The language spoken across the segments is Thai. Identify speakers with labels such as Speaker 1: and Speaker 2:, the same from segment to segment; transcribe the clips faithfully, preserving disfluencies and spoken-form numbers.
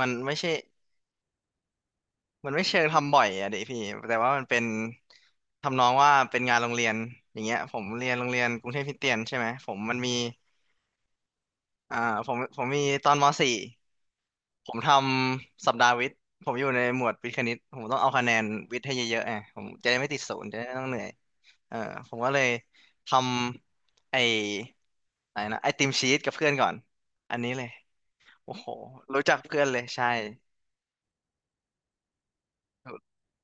Speaker 1: มันไม่ใช่มันไม่เชิงทำบ่อยอะดิพี่ แต่ว่ามันเป็นทำนองว่าเป็นงานโรงเรียน อย่างเงี้ยผมเรียนโรงเรียนกรุงเทพคริสเตียนใช่ไหมผมมันมีอ่าผมผมมีตอนม .สี่ ผมทำสัปดาห์วิทย์ผมอยู่ในหมวดวิทย์คณิตผมต้องเอาคะแนนวิทย์ให้เยอะๆไงผมจะได้ไม่ติดศูนย์จะได้ไม่ต้องเหนื่อยเออผมก็เลยทำไอ้อะไรนะไอติมชีสกับเพื่อนก่อน อันนี้เลย โอ้โหรู้จักเพื่อนเลยใช่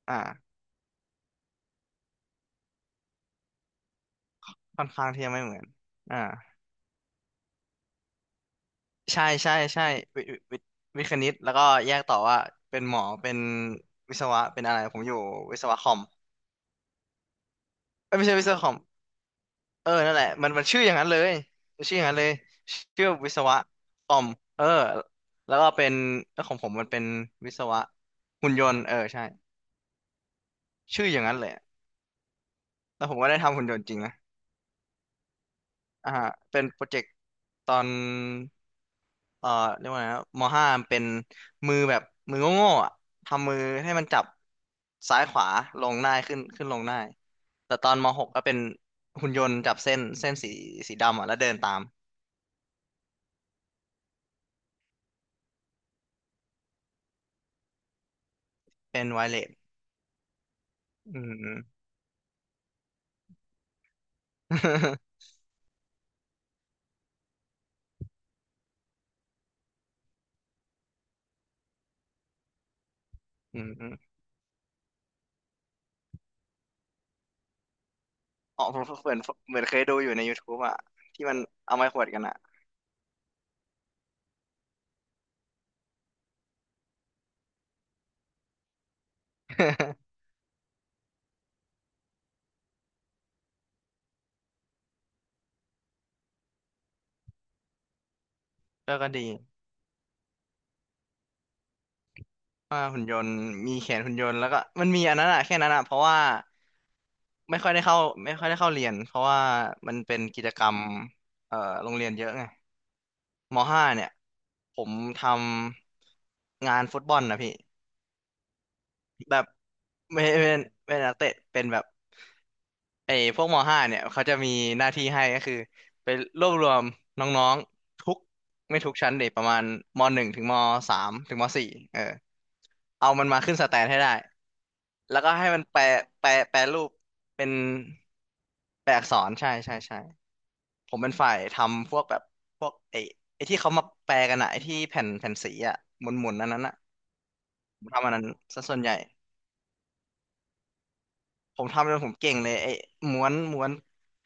Speaker 1: อ่าค่อนข้างที่จะไม่เหมือนอ่า ใช่ใช่ใช่วิวิวิทย์คณิตแล้วก็แยกต่อว่าเป็นหมอเป็นวิศวะเป็นอะไรผมอยู่วิศวะคอมเอ้ยไม่ใช่วิศวะคอมเออนั่นแหละมันมันชื่ออย่างนั้นเลยมันชื่ออย่างนั้นเลยชื่อวิศวะคอมเออแล้วก็เป็นแล้วของผมมันเป็นวิศวะหุ่นยนต์เออใช่ชื่ออย่างนั้นเลยแล้วผมก็ได้ทำหุ่นยนต์จริงนะอ่าฮะเป็นโปรเจกต์ตอน เอ่อเรียกว่าไงนะมห้ามันเป็นมือแบบมือโง่ๆอ่ะทำมือให้มันจับซ้ายขวาลงได้ขึ้นขึ้นลงได้แต่ตอนมหกก็เป็นหุ่นยนต์จับเส้นเส้นสีสีดำอ่ะแล้วเดินตามเป็นไวเลสอืม อืมอมอ๋อผมเหมือนเหมือนเคยดูอยู่ใน YouTube อ่ะที่มันเอาไม้ขวดกันอ่ะ ก็ก็ดีว่าหุ่นยนต์มีแขนหุ่นยนต์แล้วก็มันมีอันนั้นอ่ะแค่นั้นอ่ะเพราะว่า ไม่ค่อยได้เข้าไม่ค่อยได้เข้าเรียนเพราะว่ามันเป็นกิจกรรมเอ่อโรงเรียนเยอะไงมห้าเนี่ยผมทำงานฟุตบอลนะพี่แบบไม่เป็นเป็นนักเตะเป็นแบบไอ้พวกมห้าเนี่ยเขาจะมีหน้าที่ให้ก็คือไปรวบรวมน้องๆทุกไม่ทุกชั้นเด็กประมาณมหนึ่งถึงมสามถึงมสี่เออเอามันมาขึ้นสแตนให้ได้ แล้วก็ให้มันแปลแปลแปลรูปเป็นแปลอักษรใช่ใช่ใช่ผมเป็นฝ่ายทำพวกแบบพวกไอ้ไอ้ที่เขามาแปลกันอะไอ้ที่แผ่นแผ่นสีอะหมุนๆอันนั้นอะผมทำอันนั้นซะส่วนใหญ่ผมทำจนผมเก่งเลยไอ้ม้วนม้วน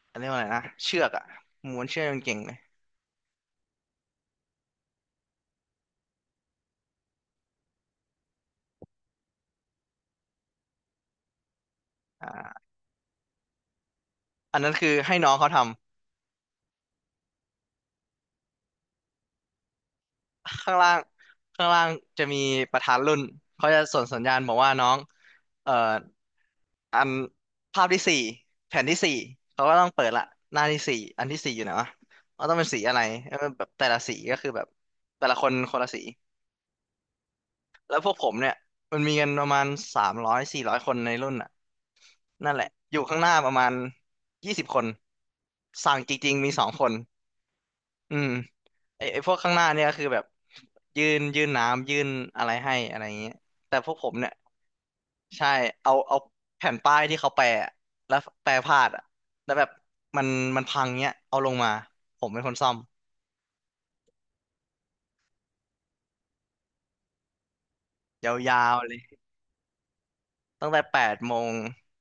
Speaker 1: อะไรยกว่าอะไรนะเชือกอะม้วนเชือกจนเก่งเลยอ่าอันนั้นคือให้น้องเขาทำข้างล่างข้างล่างจะมีประธานรุ่นเขาจะส่งสัญญาณบอกว่าน้องเอ่อ อันภาพที่สี่แผ่นที่สี่เขาก็ต้องเปิดละหน้าที่สี่อันที่สี่อยู่ไหนวะว่าต้องเป็นสีอะไรเออแบบแต่ละสีก็คือแบบแต่ละคนคนละสีแล้วพวกผมเนี่ยมันมีกันประมาณสามร้อยสี่ร้อยคนในรุ่นอ่ะนั่นแหละอยู่ข้างหน้าประมาณยี่สิบคนสั่งจริงๆมีสองคนอืมไอไอพวกข้างหน้าเนี่ยก็คือแบบยื่นยื่นน้ำยื่นอะไรให้อะไรอย่างเงี้ยแต่พวกผมเนี่ย ใช่เอาเอาแผ่นป้ายที่เขาแปะอะแล้วแปะพลาดอ่ะแล้วแบบมันมันพังเนี้ย เอาลงมา ผมเป็นคนซ่อมยาวๆเลยตั้งแต่แปดโมง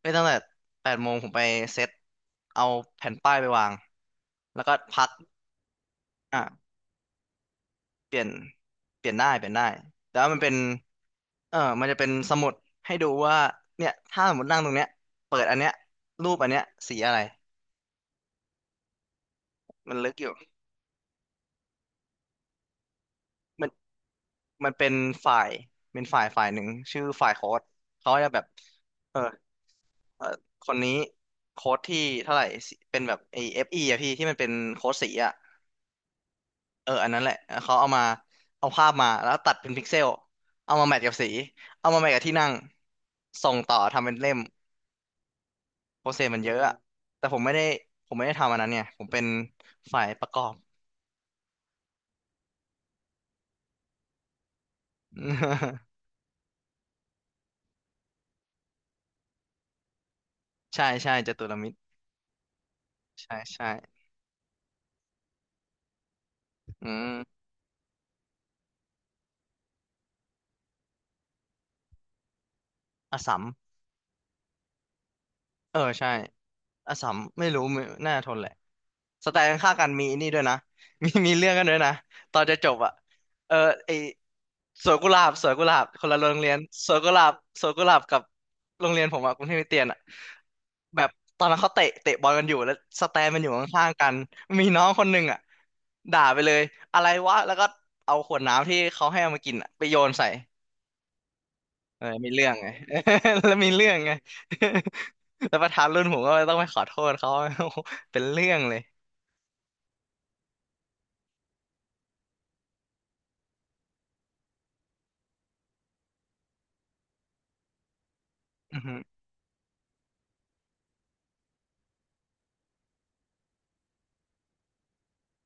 Speaker 1: ไม่ตั้งแต่แปดโมงผมไปเซ็ตเอาแผ่นป้ายไปวาง แล้วก็พักอ่ะเปลี่ยนเปลี่ยนได้เปลี่ยนได้ แต่ว่ามันเป็นเออมันจะเป็นสมุดให้ดูว่าเนี่ยถ้าสมมตินั่งตรงเนี้ยเปิดอันเนี้ยรูปอันเนี้ยสีอะไรมันลึกอยู่ มันเป็นฝ่ายเป็นฝ่ายฝ่ายหนึ่งชื่อฝ่ายโค้ดเขาจะแบบเออเออคนนี้โค้ดที่เท่าไหร่สิเป็นแบบไอเอฟอีอะพี่ที่มันเป็นโค้ดสีอะเอออันนั้นแหละเขาเอามาเอาภาพมาแล้วตัดเป็นพิกเซลเอามาแมทกับสีเอามาแมทกับที่นั่งส่งต่อทำเป็นเล่มโปรเซสมันเยอะอะแต่ผมไม่ได้ผมไม่ได้ทำอันนั้นเนี่ยผมเป็นฝ่ายประกอบ ใช่ใช่จตุรมิตรใช่ใช่อืมอสสัม เออใช่อาสัมไม่รู้ไม่น่าจะทนแหละสไตล์ข้างๆกันมีนี่ด้วยนะ มีมีเรื่องกันด้วยนะตอนจะจบอ่ะเออไอสวนกุหลาบสวนกุหลาบคนละโรงเรียนสวนกุหลาบสวนกุหลาบกับโรงเรียนผมอะกรุงเทพคริสเตียนอะแบบตอนนั้นเขาเตะเตะบอลกันอยู่แล้วสแตนมันอยู่ข้างๆกันมีน้องคนหนึ่งอ่ะด่าไปเลยอะไรวะแล้วก็เอาขวดน้ำที่เขาให้เอามากินอะไปโยนใส่ เออมีเรื่องไง แล้วมีเรื่องไง แล้วประธานรุ่นผมก็ต้องไปขอโทษเขา เป็นเรื่องเลยอือฮึ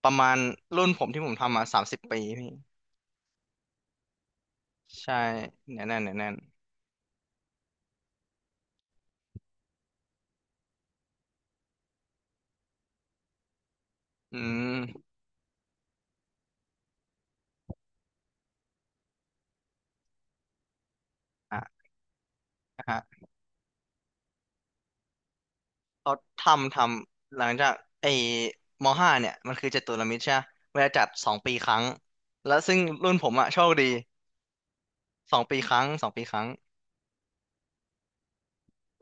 Speaker 1: ประมาณรุ่นผมที่ผมทำมาสามสิบปีพี่ใช่เนี่ยแน่นเนี่ยแน่นอืม อ่ะนะฮะเขาทำทำ หลังจากไอ้มห้าเนี่ย มันคือจตุรมิตรใช่ไหมเวลาจัดสองปีครั้ง แล้วซึ่งรุ่นผมอะโชคดีสองปีครั้งสองปีครั้ง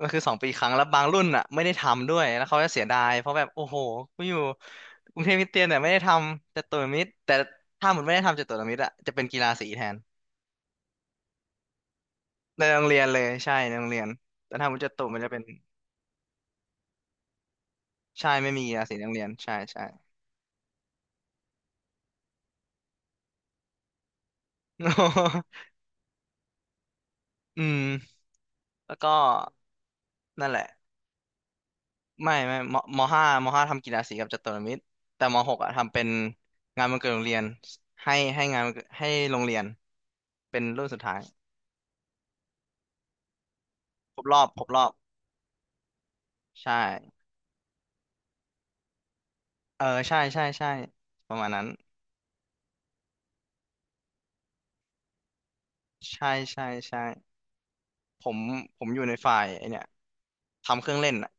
Speaker 1: มันคือสองปีครั้งแล้วบางรุ่นอ่ะไม่ได้ทำด้วยแล้วเขาจะเสียดายเพราะแบบโอ้โหกูอยู่กรุงเทพคริสเตียนเนี่ยไม่ได้ทำจตุรมิตรแต่ถ้ามุนไม่ได้ทำจตุรมิตรอ่ะจะเป็นกีฬาสีแทนในโรงเรียนเลยใช่ในโรงเรียนแต่ถ้ามุนจตุมันจะเป็นใช่ไม่มีกีฬาสีในโรงเรียนใช่ใช่ อืมแล้วก็นั่นแหละไม่ไม่มมห้ามห้าทำกีฬาสีกับจตุรมิตรแต่มหกอ่ะทำเป็นงานวันเกิดโรงเรียนให้ให้งานวันเกิดให้โรงเรียนเป็นรุ่นสุดท้ายครบรอบครบรอบใช่ เออใช่ใช่ใช่ประมาณนั้นใช่ใช่ใช่ผมผมอยู่ในฝ่ายไอเนี่ยทำเครื่องเล่นอ่ะ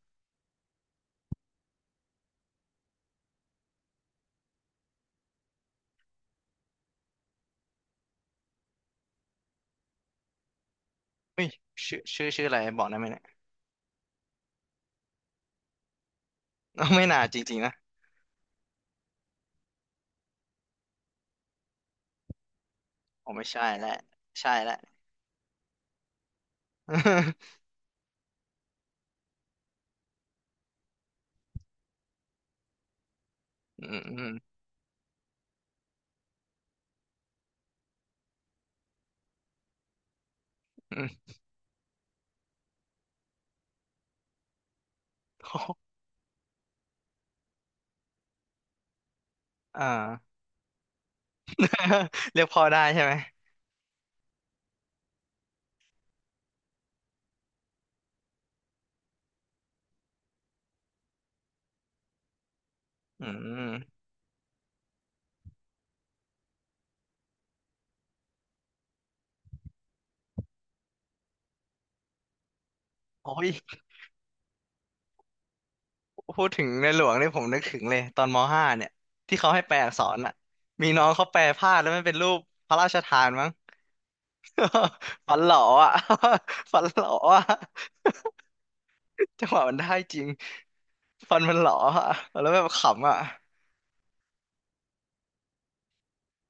Speaker 1: เฮ้ยชื่อชื่อชื่ออะไรบอกได้ไหมเนี่ย ไม่น่าจริงๆนะผมไม่ใช่แล้วใช่แล้ว อืมอืมอืมโอ้อ่า เรียกพ่อได้ใช่ไหมอืมโอ้ยพูดถึงในหลวงนี่ผมนึกถึงเลยตอนมห้าเนี่ยที่เขาให้แปลอักษรอ่ะมีน้องเขาแปลพลาดแล้วมันเป็นรูปพระราชทานมั้ง ฝันหลออ่ะ ฝันหลออ่ะ จังหวะมันได้จริงฟันมันหลออะแล้วแบบขำอ่ะ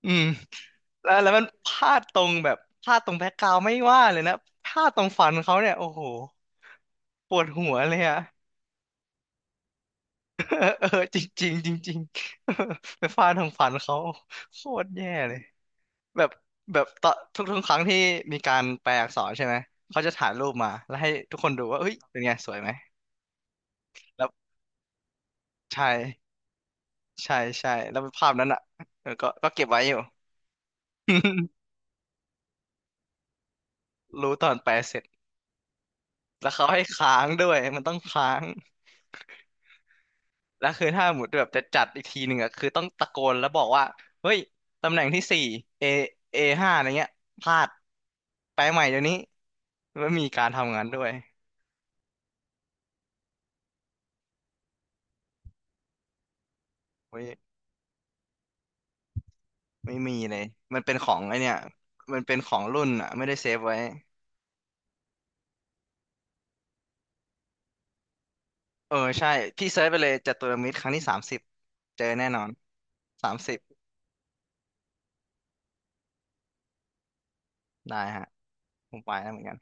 Speaker 1: อืมแล้วแล้วมันพลาดตรงแบบพลาดตรงแบ็กกราวด์ไม่ว่าเลยนะพลาดตรงฟันเขาเนี่ยโอ้โหปวดหัวเลยอ่ะ เออเออจริงจริงจริง จริงๆไปฟาดตรงฟันเขาโคตรแย่เลยแบบแบบตอนทุกทุกครั้งที่มีการแปลอักษรใช่ไหมเขาจะถ่ายรูปมาแล้วให้ทุกคนดูว่าเฮ้ยเป็นไงสวยไหมแล้วใช่ใช่ใช่แล้วภาพนั้นอ่ะเออก็ก็เก็บไว้อยู่ รู้ตอนแปลเสร็จแล้วเขาให้ค้างด้วยมันต้องค้างแล้วคือถ้าหมุดแบบจะจัดอีกทีหนึ่งอะคือต้องตะโกนแล้วบอกว่าเฮ้ยตำแหน่งที่สี่เอเอห้าอะไรเงี้ยพลาดแปลใหม่เดี๋ยวนี้แล้วมีการทำงานด้วยเฮ้ยไม่มีเลยมันเป็นของไอเนี่ยมันเป็นของรุ่นอะไม่ได้เซฟไว้เออใช่พี่เซิร์ชไปเลยจัตุรมิตรครั้งที่สามสิบเจอแน่นอนสามสิบได้ฮะผมไปแล้วเหมือนกัน